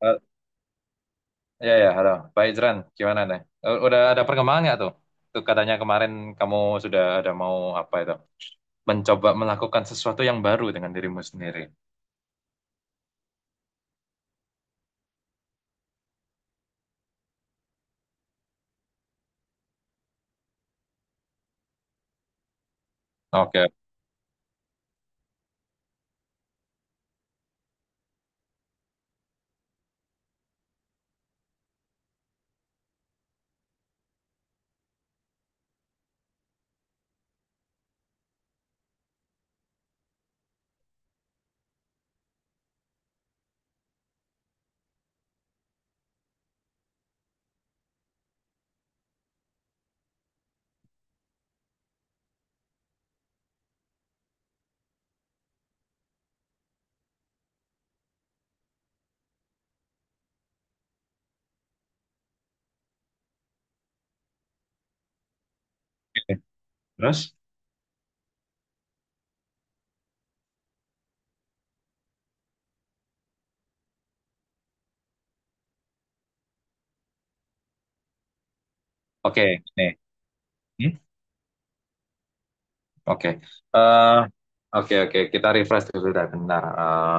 Eh, Ya ya, halo. Pak Ijran, gimana nih? Eh, udah ada perkembangan nggak tuh? Tuh katanya kemarin kamu sudah ada mau apa itu? Mencoba melakukan sesuatu yang baru dengan dirimu sendiri. Oke, terus? Oke, nih. Hmm? Oke. Eh, oke oke, kita refresh dulu dah benar. Eh,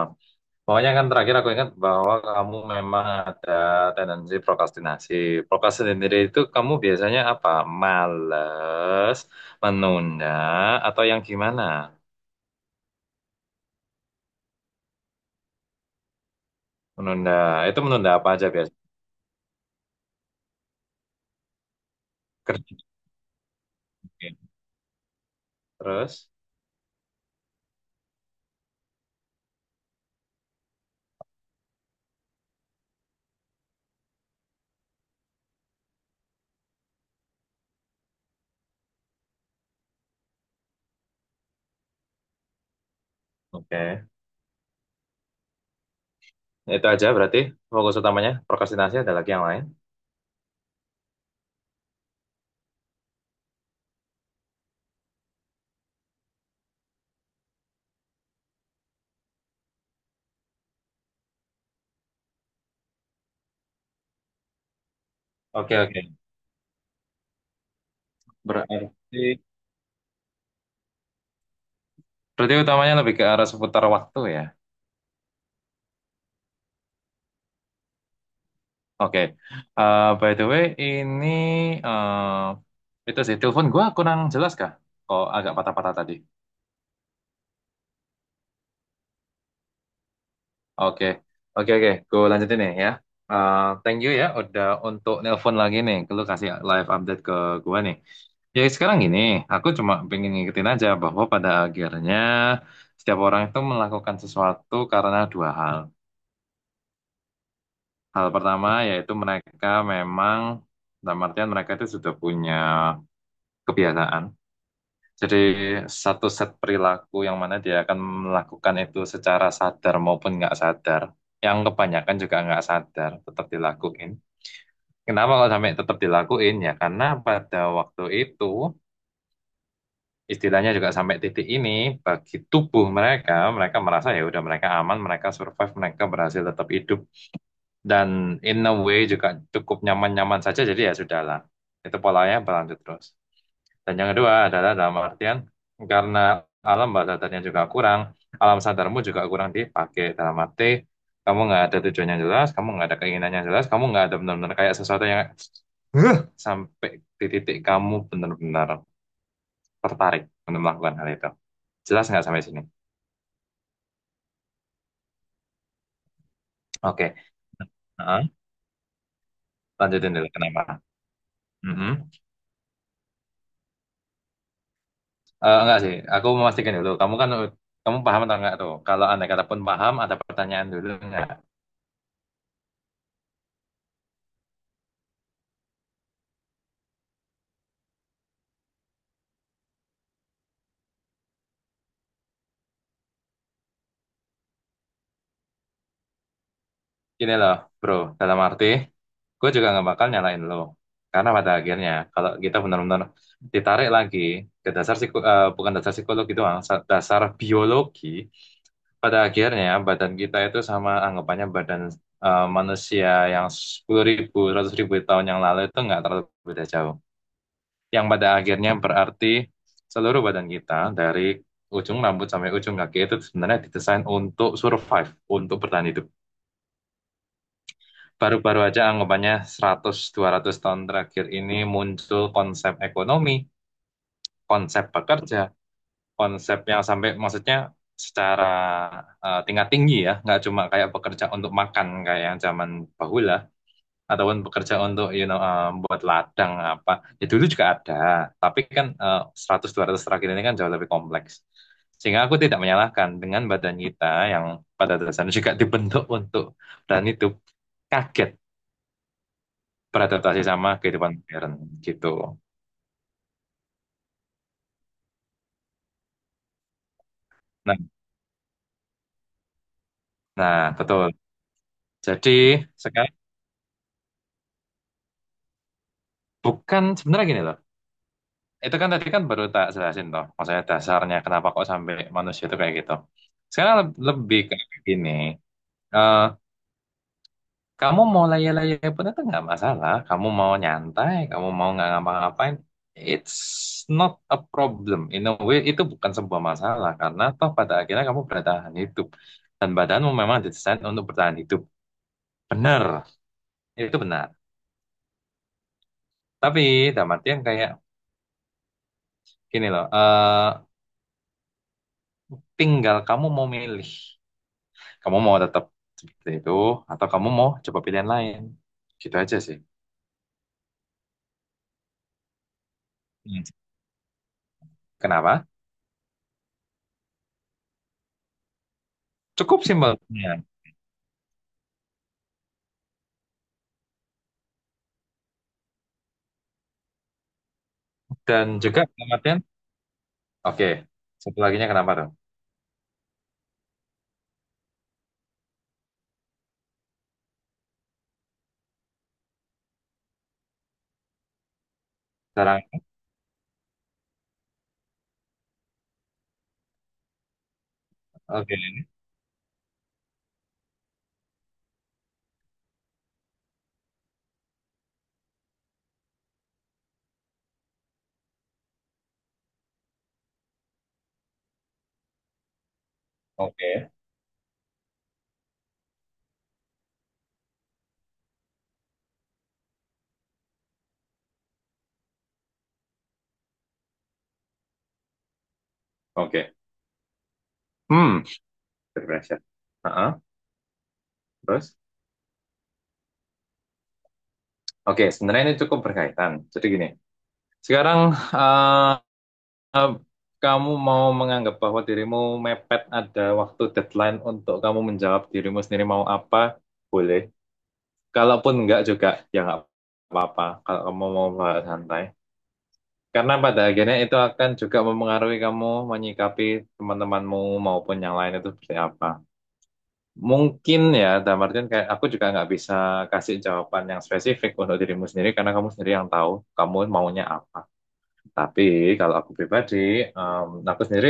pokoknya kan terakhir aku ingat bahwa kamu memang ada tendensi prokrastinasi. Prokrastinasi itu kamu biasanya apa? Males, menunda, atau yang gimana? Menunda. Itu menunda apa aja biasa? Kerja. Oke. Terus, oke. Itu aja berarti fokus utamanya. Prokrastinasi ada lagi yang lain. Oke, oke. Berarti, berarti utamanya lebih ke arah seputar waktu ya. Oke. By the way, ini itu sih telepon gua kurang jelas kah? Kok agak patah-patah tadi. Oke, oke, oke. Gue lanjutin nih ya. Thank you ya, udah untuk nelpon lagi nih. Lu kasih live update ke gua nih. Ya sekarang gini, aku cuma pengen ngikutin aja bahwa pada akhirnya setiap orang itu melakukan sesuatu karena dua hal. Hal pertama yaitu mereka memang, dalam artian mereka itu sudah punya kebiasaan. Jadi satu set perilaku yang mana dia akan melakukan itu secara sadar maupun nggak sadar. Yang kebanyakan juga nggak sadar, tetap dilakuin. Kenapa kalau sampai tetap dilakuin? Ya karena pada waktu itu istilahnya juga sampai titik ini bagi tubuh mereka mereka merasa ya udah, mereka aman, mereka survive, mereka berhasil tetap hidup, dan in a way juga cukup nyaman-nyaman saja, jadi ya sudahlah itu polanya berlanjut terus. Dan yang kedua adalah, dalam artian, karena alam bawah sadarnya juga kurang, alam sadarmu juga kurang dipakai, dalam arti kamu nggak ada tujuan yang jelas, kamu nggak ada keinginan yang jelas, kamu nggak ada benar-benar kayak sesuatu yang "Huh," sampai di titik kamu benar-benar tertarik untuk melakukan hal itu. Jelas nggak sampai sini? Oke, heeh. Lanjutin dulu. Kenapa? Mhm. Enggak sih, aku memastikan dulu. Kamu paham atau enggak tuh? Kalau andai kata pun paham, ada pertanyaan dulu enggak? Gini loh, bro. Dalam arti, gue juga nggak bakal nyalain lo. Karena pada akhirnya, kalau kita benar-benar ditarik lagi ke dasar bukan dasar psikologi doang, dasar biologi. Pada akhirnya badan kita itu sama anggapannya badan manusia yang 10.000, ribu tahun yang lalu itu nggak terlalu beda jauh. Yang pada akhirnya berarti seluruh badan kita dari ujung rambut sampai ujung kaki itu sebenarnya didesain untuk survive, untuk bertahan hidup. Baru-baru aja anggapannya 100-200 tahun terakhir ini muncul konsep ekonomi, konsep pekerja, konsep yang sampai maksudnya secara tingkat tinggi ya, nggak cuma kayak bekerja untuk makan kayak yang zaman bahula, ataupun bekerja untuk buat ladang apa. Ya dulu juga ada, tapi kan 100-200 terakhir ini kan jauh lebih kompleks. Sehingga aku tidak menyalahkan dengan badan kita yang pada dasarnya juga dibentuk untuk, dan itu kaget beradaptasi sama kehidupan modern, gitu. Nah, nah, betul. Jadi sekarang bukan, sebenarnya gini loh. Itu kan tadi kan baru tak jelasin toh, maksudnya dasarnya kenapa kok sampai manusia itu kayak gitu. Sekarang lebih kayak gini, eh kamu mau layak-layak pun itu nggak masalah, kamu mau nyantai, kamu mau nggak ngapa-ngapain, it's not a problem, in a way itu bukan sebuah masalah karena toh pada akhirnya kamu bertahan hidup, dan badanmu memang didesain untuk bertahan hidup. Benar, itu benar. Tapi dalam artian kayak gini loh, tinggal kamu mau milih. Kamu mau tetap seperti itu, atau kamu mau coba pilihan lain? Gitu aja sih. Hmm. Kenapa? Cukup simpelnya. Dan juga kematian. Oke. Satu laginya kenapa dong? Sekarang. Oke. Oke. Oke. Hmm. Pressure. Heeh. Terus? Oke. Sebenarnya ini cukup berkaitan. Jadi gini. Sekarang eh, eh, kamu mau menganggap bahwa dirimu mepet ada waktu deadline untuk kamu menjawab dirimu sendiri mau apa? Boleh. Kalaupun enggak juga ya nggak apa-apa, kalau kamu mau bahas santai. Karena pada akhirnya itu akan juga mempengaruhi kamu menyikapi teman-temanmu maupun yang lain itu seperti apa. Mungkin ya, dalam artian kayak aku juga nggak bisa kasih jawaban yang spesifik untuk dirimu sendiri karena kamu sendiri yang tahu kamu maunya apa. Tapi kalau aku pribadi, aku sendiri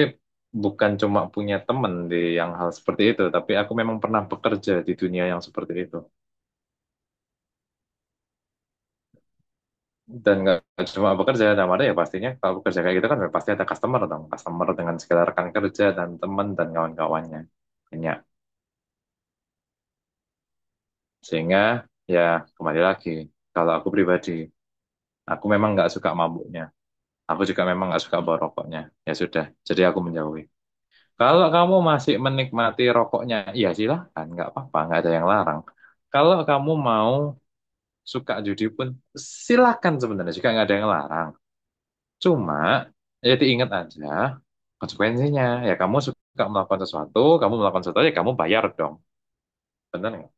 bukan cuma punya teman di yang hal seperti itu, tapi aku memang pernah bekerja di dunia yang seperti itu. Dan nggak cuma bekerja, dalam ada ya pastinya kalau bekerja kayak gitu kan ya pasti ada customer dong. Customer dengan segala rekan kerja dan teman dan kawan-kawannya. Banyak. Sehingga ya kembali lagi, kalau aku pribadi, aku memang nggak suka mabuknya. Aku juga memang nggak suka bawa rokoknya. Ya sudah, jadi aku menjauhi. Kalau kamu masih menikmati rokoknya, ya silahkan, nggak apa-apa, nggak ada yang larang. Kalau kamu mau suka judi pun silakan, sebenarnya juga nggak ada yang larang. Cuma, jadi ingat aja konsekuensinya. Ya kamu suka melakukan sesuatu, kamu melakukan sesuatu, ya kamu bayar dong. Bener nggak?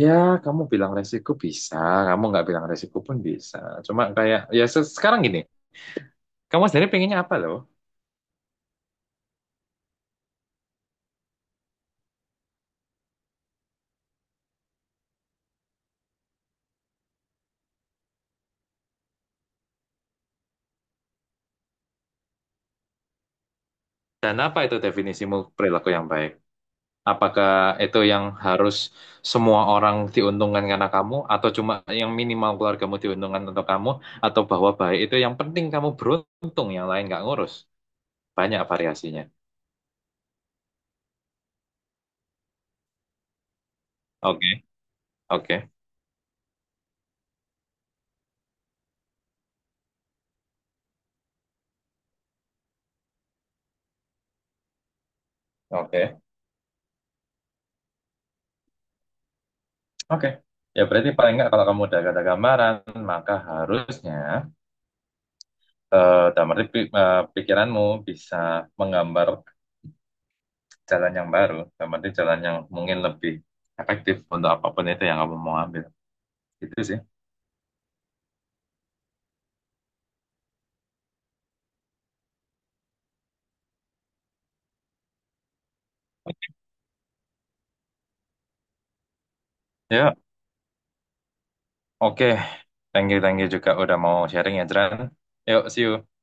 Ya, kamu bilang resiko bisa, kamu nggak bilang resiko pun bisa. Cuma kayak, ya sekarang gini, kamu sendiri pengennya apa loh? Dan apa itu definisimu perilaku yang baik? Apakah itu yang harus semua orang diuntungkan karena kamu, atau cuma yang minimal keluargamu diuntungkan untuk kamu, atau bahwa baik itu yang penting kamu beruntung, yang lain nggak ngurus? Banyak variasinya. Oke. Oke, oke, oke. Ya berarti paling nggak kalau kamu udah ada gambaran, maka harusnya dalam arti pikiranmu bisa menggambar jalan yang baru, dalam arti jalan yang mungkin lebih efektif untuk apapun itu yang kamu mau ambil. Itu sih. Ya, oke. Thank you juga udah mau sharing ya, Jran. Yuk, see you.